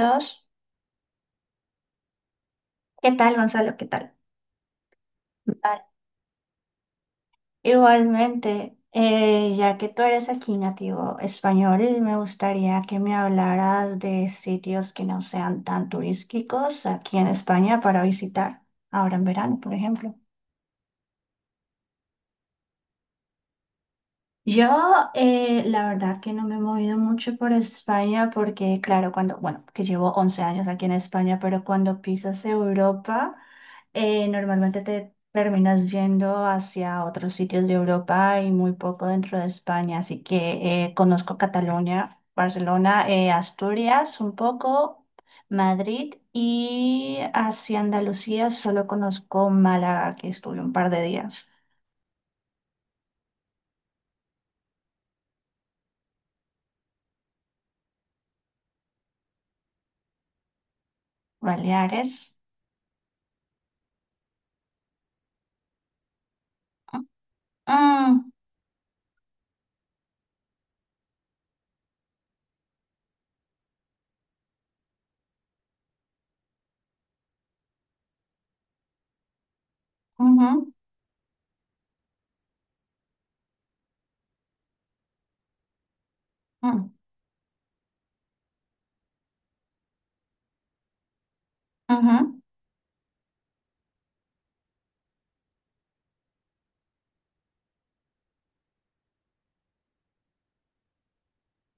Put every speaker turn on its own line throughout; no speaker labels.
Dos, ¿qué tal, Gonzalo? ¿Qué tal? Igualmente, ya que tú eres aquí nativo español, me gustaría que me hablaras de sitios que no sean tan turísticos aquí en España para visitar ahora en verano, por ejemplo. Yo, la verdad que no me he movido mucho por España porque, claro, cuando, bueno, que llevo 11 años aquí en España, pero cuando pisas Europa... normalmente te terminas yendo hacia otros sitios de Europa y muy poco dentro de España, así que conozco Cataluña, Barcelona, Asturias un poco, Madrid y hacia Andalucía solo conozco Málaga, que estuve un par de días, Baleares. Mm, mm, ujú, mm, ujú.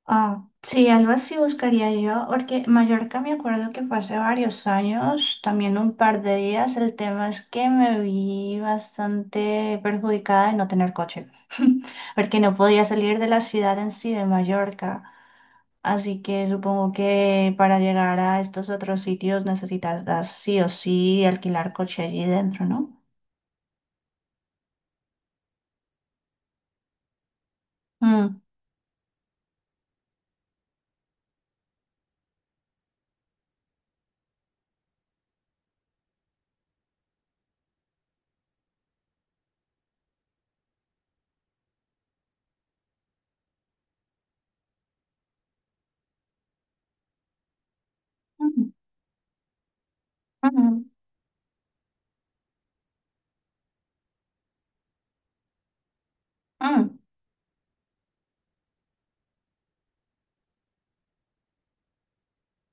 Ah, sí, algo así buscaría yo, porque Mallorca me acuerdo que fue hace varios años, también un par de días. El tema es que me vi bastante perjudicada de no tener coche, porque no podía salir de la ciudad en sí de Mallorca. Así que supongo que para llegar a estos otros sitios necesitas sí o sí alquilar coche allí dentro, ¿no? Mm. Mm, mm, mm.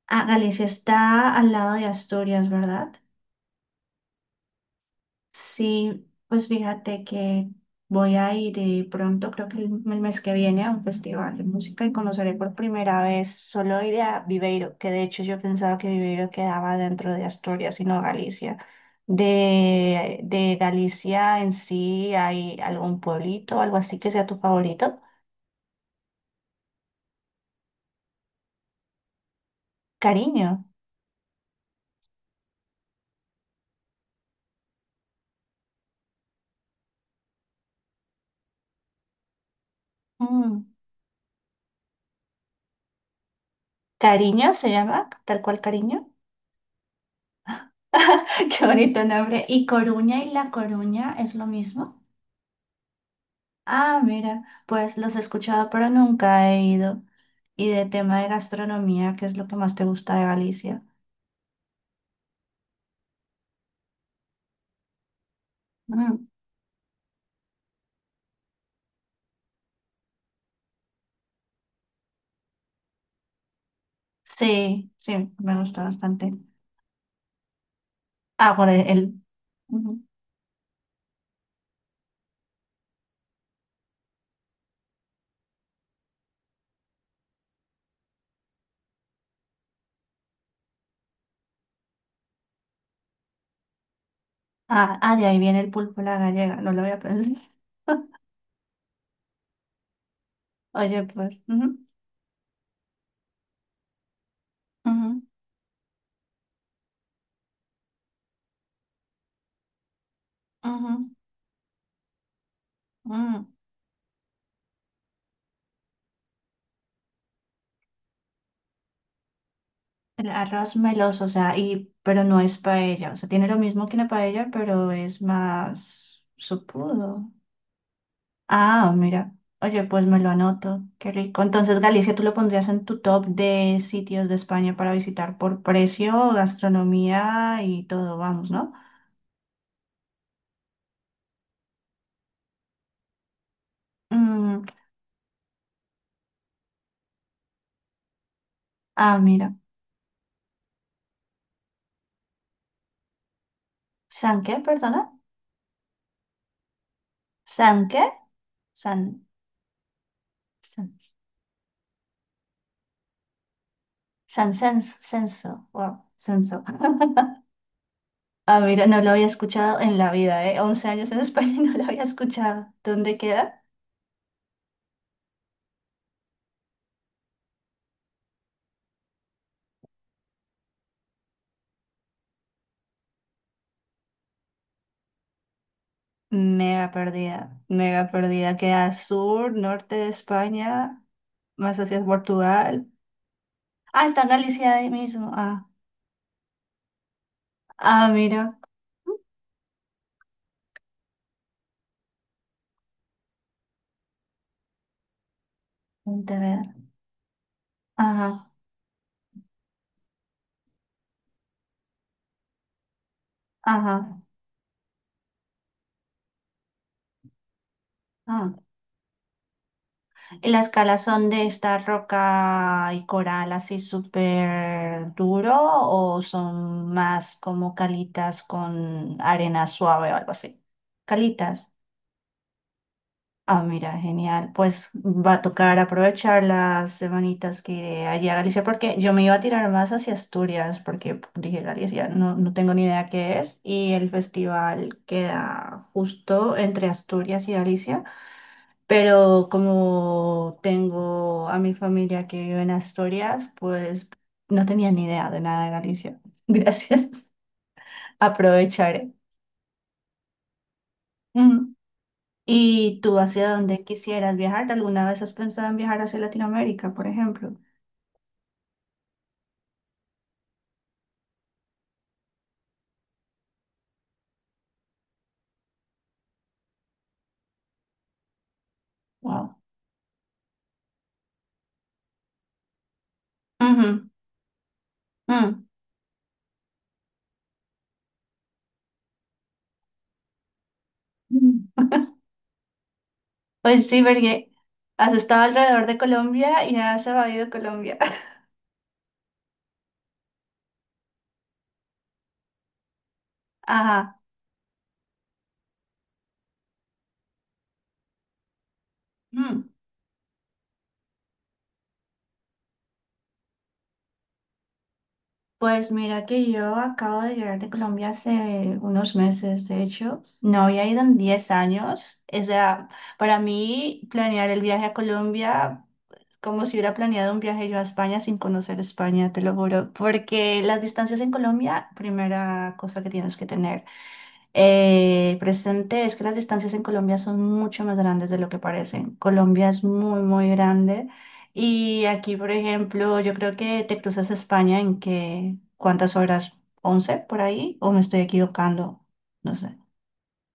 Ah, Galicia está al lado de Asturias, ¿verdad? Sí, pues fíjate que voy a ir pronto, creo que el mes que viene, a un festival de música y conoceré por primera vez, solo iré a Viveiro, que de hecho yo pensaba que Viveiro quedaba dentro de Asturias y no Galicia. De Galicia en sí, ¿hay algún pueblito, algo así que sea tu favorito? Cariño. Mm. ¿Cariño se llama? ¿Tal cual Cariño? Qué bonito nombre. ¿Y Coruña y La Coruña es lo mismo? Ah, mira, pues los he escuchado, pero nunca he ido. Y de tema de gastronomía, ¿qué es lo que más te gusta de Galicia? Mm, sí, sí, me gusta bastante. Ah, por el... ujú. Ah, ah, de ahí viene el pulpo a la gallega, no lo había pensado. Oye, pues... ujú, ujú, ujú, mm. El arroz meloso, o sea, y, pero no es paella, o sea, tiene lo mismo que la paella, pero es más supudo. Ah, mira. Oye, pues me lo anoto. Qué rico. Entonces, Galicia, ¿tú lo pondrías en tu top de sitios de España para visitar por precio, gastronomía y todo? Vamos, ¿no? Mm, ah, mira. ¿San qué, perdona? ¿San qué? San, San, San Censo. Censo. Wow, Censo. Ah, mira, no lo había escuchado en la vida, ¿eh? 11 años en España y no lo había escuchado. ¿Dónde queda? Mega perdida, mega perdida. Queda sur, norte de España. Más hacia Portugal. Ah, está en Galicia ahí mismo. Ah, ah, mira, Pontevedra. Ajá, ajá. Ah. Y las calas son de esta roca y coral así súper duro o son más como calitas con arena suave o algo así. Calitas. Ah, mira, genial. Pues va a tocar aprovechar las semanitas que iré allí a Galicia, porque yo me iba a tirar más hacia Asturias, porque dije Galicia, no, no tengo ni idea qué es, y el festival queda justo entre Asturias y Galicia, pero como tengo a mi familia que vive en Asturias, pues no tenía ni idea de nada de Galicia. Gracias, aprovecharé. Ujú. ¿Y tú hacia dónde quisieras viajar? ¿Alguna vez has pensado en viajar hacia Latinoamérica, por ejemplo? Wow. Ujú, mm. Mm. Pues sí, porque has estado alrededor de Colombia y has evadido Colombia. Ajá. Mm. Pues mira que yo acabo de llegar de Colombia hace unos meses, de hecho. No había ido en 10 años. O sea, para mí planear el viaje a Colombia como si hubiera planeado un viaje yo a España sin conocer España, te lo juro, porque las distancias en Colombia, primera cosa que tienes que tener presente es que las distancias en Colombia son mucho más grandes de lo que parecen. Colombia es muy, muy grande y aquí, por ejemplo, yo creo que te cruzas a España en que, ¿cuántas horas? ¿11 por ahí? ¿O me estoy equivocando? No sé.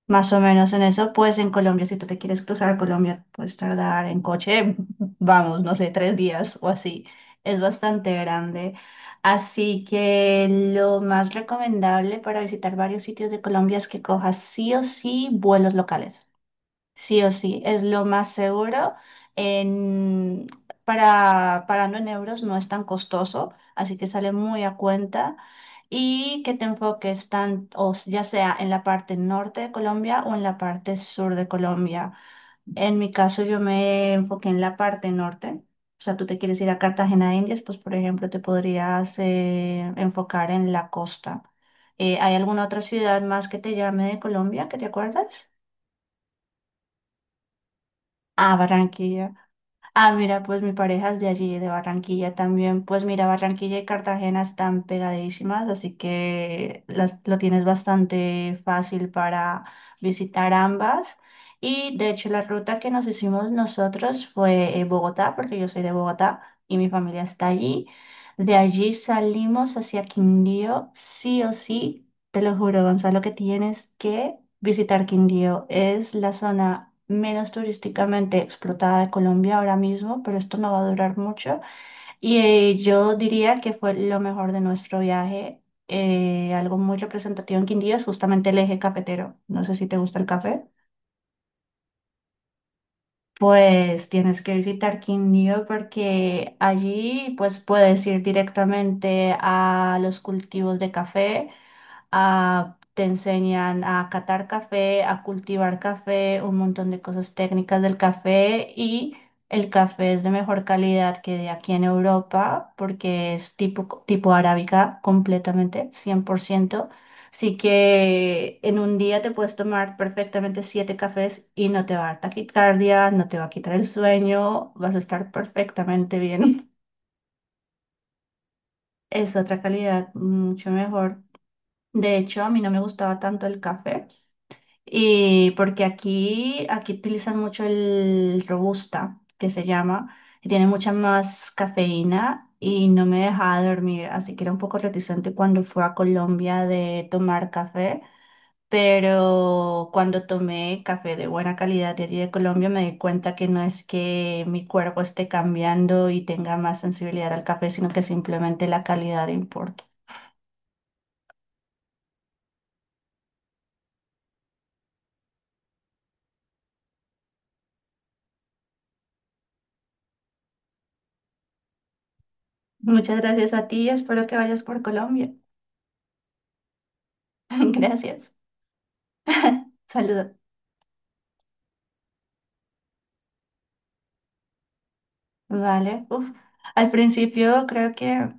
Más o menos en eso, pues en Colombia, si tú te quieres cruzar a Colombia, puedes tardar en coche, vamos, no sé, 3 días o así. Es bastante grande. Así que lo más recomendable para visitar varios sitios de Colombia es que cojas sí o sí vuelos locales. Sí o sí, es lo más seguro. En- para pagando en euros no es tan costoso, así que sale muy a cuenta. Y que te enfoques ya sea en la parte norte de Colombia o en la parte sur de Colombia. En mi caso, yo me enfoqué en la parte norte. O sea, tú te quieres ir a Cartagena de Indias, pues por ejemplo, te podrías enfocar en la costa. ¿Hay alguna otra ciudad más que te llame de Colombia que te acuerdas? Ah, Barranquilla. Ah, mira, pues mi pareja es de allí, de Barranquilla también. Pues mira, Barranquilla y Cartagena están pegadísimas, así que las, lo tienes bastante fácil para visitar ambas. Y de hecho, la ruta que nos hicimos nosotros fue Bogotá, porque yo soy de Bogotá y mi familia está allí. De allí salimos hacia Quindío, sí o sí. Te lo juro, Gonzalo, que tienes que visitar Quindío. Es la zona menos turísticamente explotada de Colombia ahora mismo, pero esto no va a durar mucho. Y yo diría que fue lo mejor de nuestro viaje. Algo muy representativo en Quindío es justamente el eje cafetero. No sé si te gusta el café. Pues tienes que visitar Quindío porque allí pues puedes ir directamente a los cultivos de café. Ah, te enseñan a catar café, a cultivar café, un montón de cosas técnicas del café y el café es de mejor calidad que de aquí en Europa porque es tipo arábica completamente, 100%. Así que en un día te puedes tomar perfectamente 7 cafés y no te va a dar taquicardia, no te va a quitar el sueño, vas a estar perfectamente bien. Es otra calidad mucho mejor. De hecho, a mí no me gustaba tanto el café y porque aquí utilizan mucho el robusta, que se llama, y tiene mucha más cafeína y no me dejaba dormir, así que era un poco reticente cuando fui a Colombia de tomar café, pero cuando tomé café de buena calidad de allí de Colombia me di cuenta que no es que mi cuerpo esté cambiando y tenga más sensibilidad al café, sino que simplemente la calidad importa. Muchas gracias a ti, espero que vayas por Colombia. Gracias. Saludos. Vale. Uf. Al principio creo que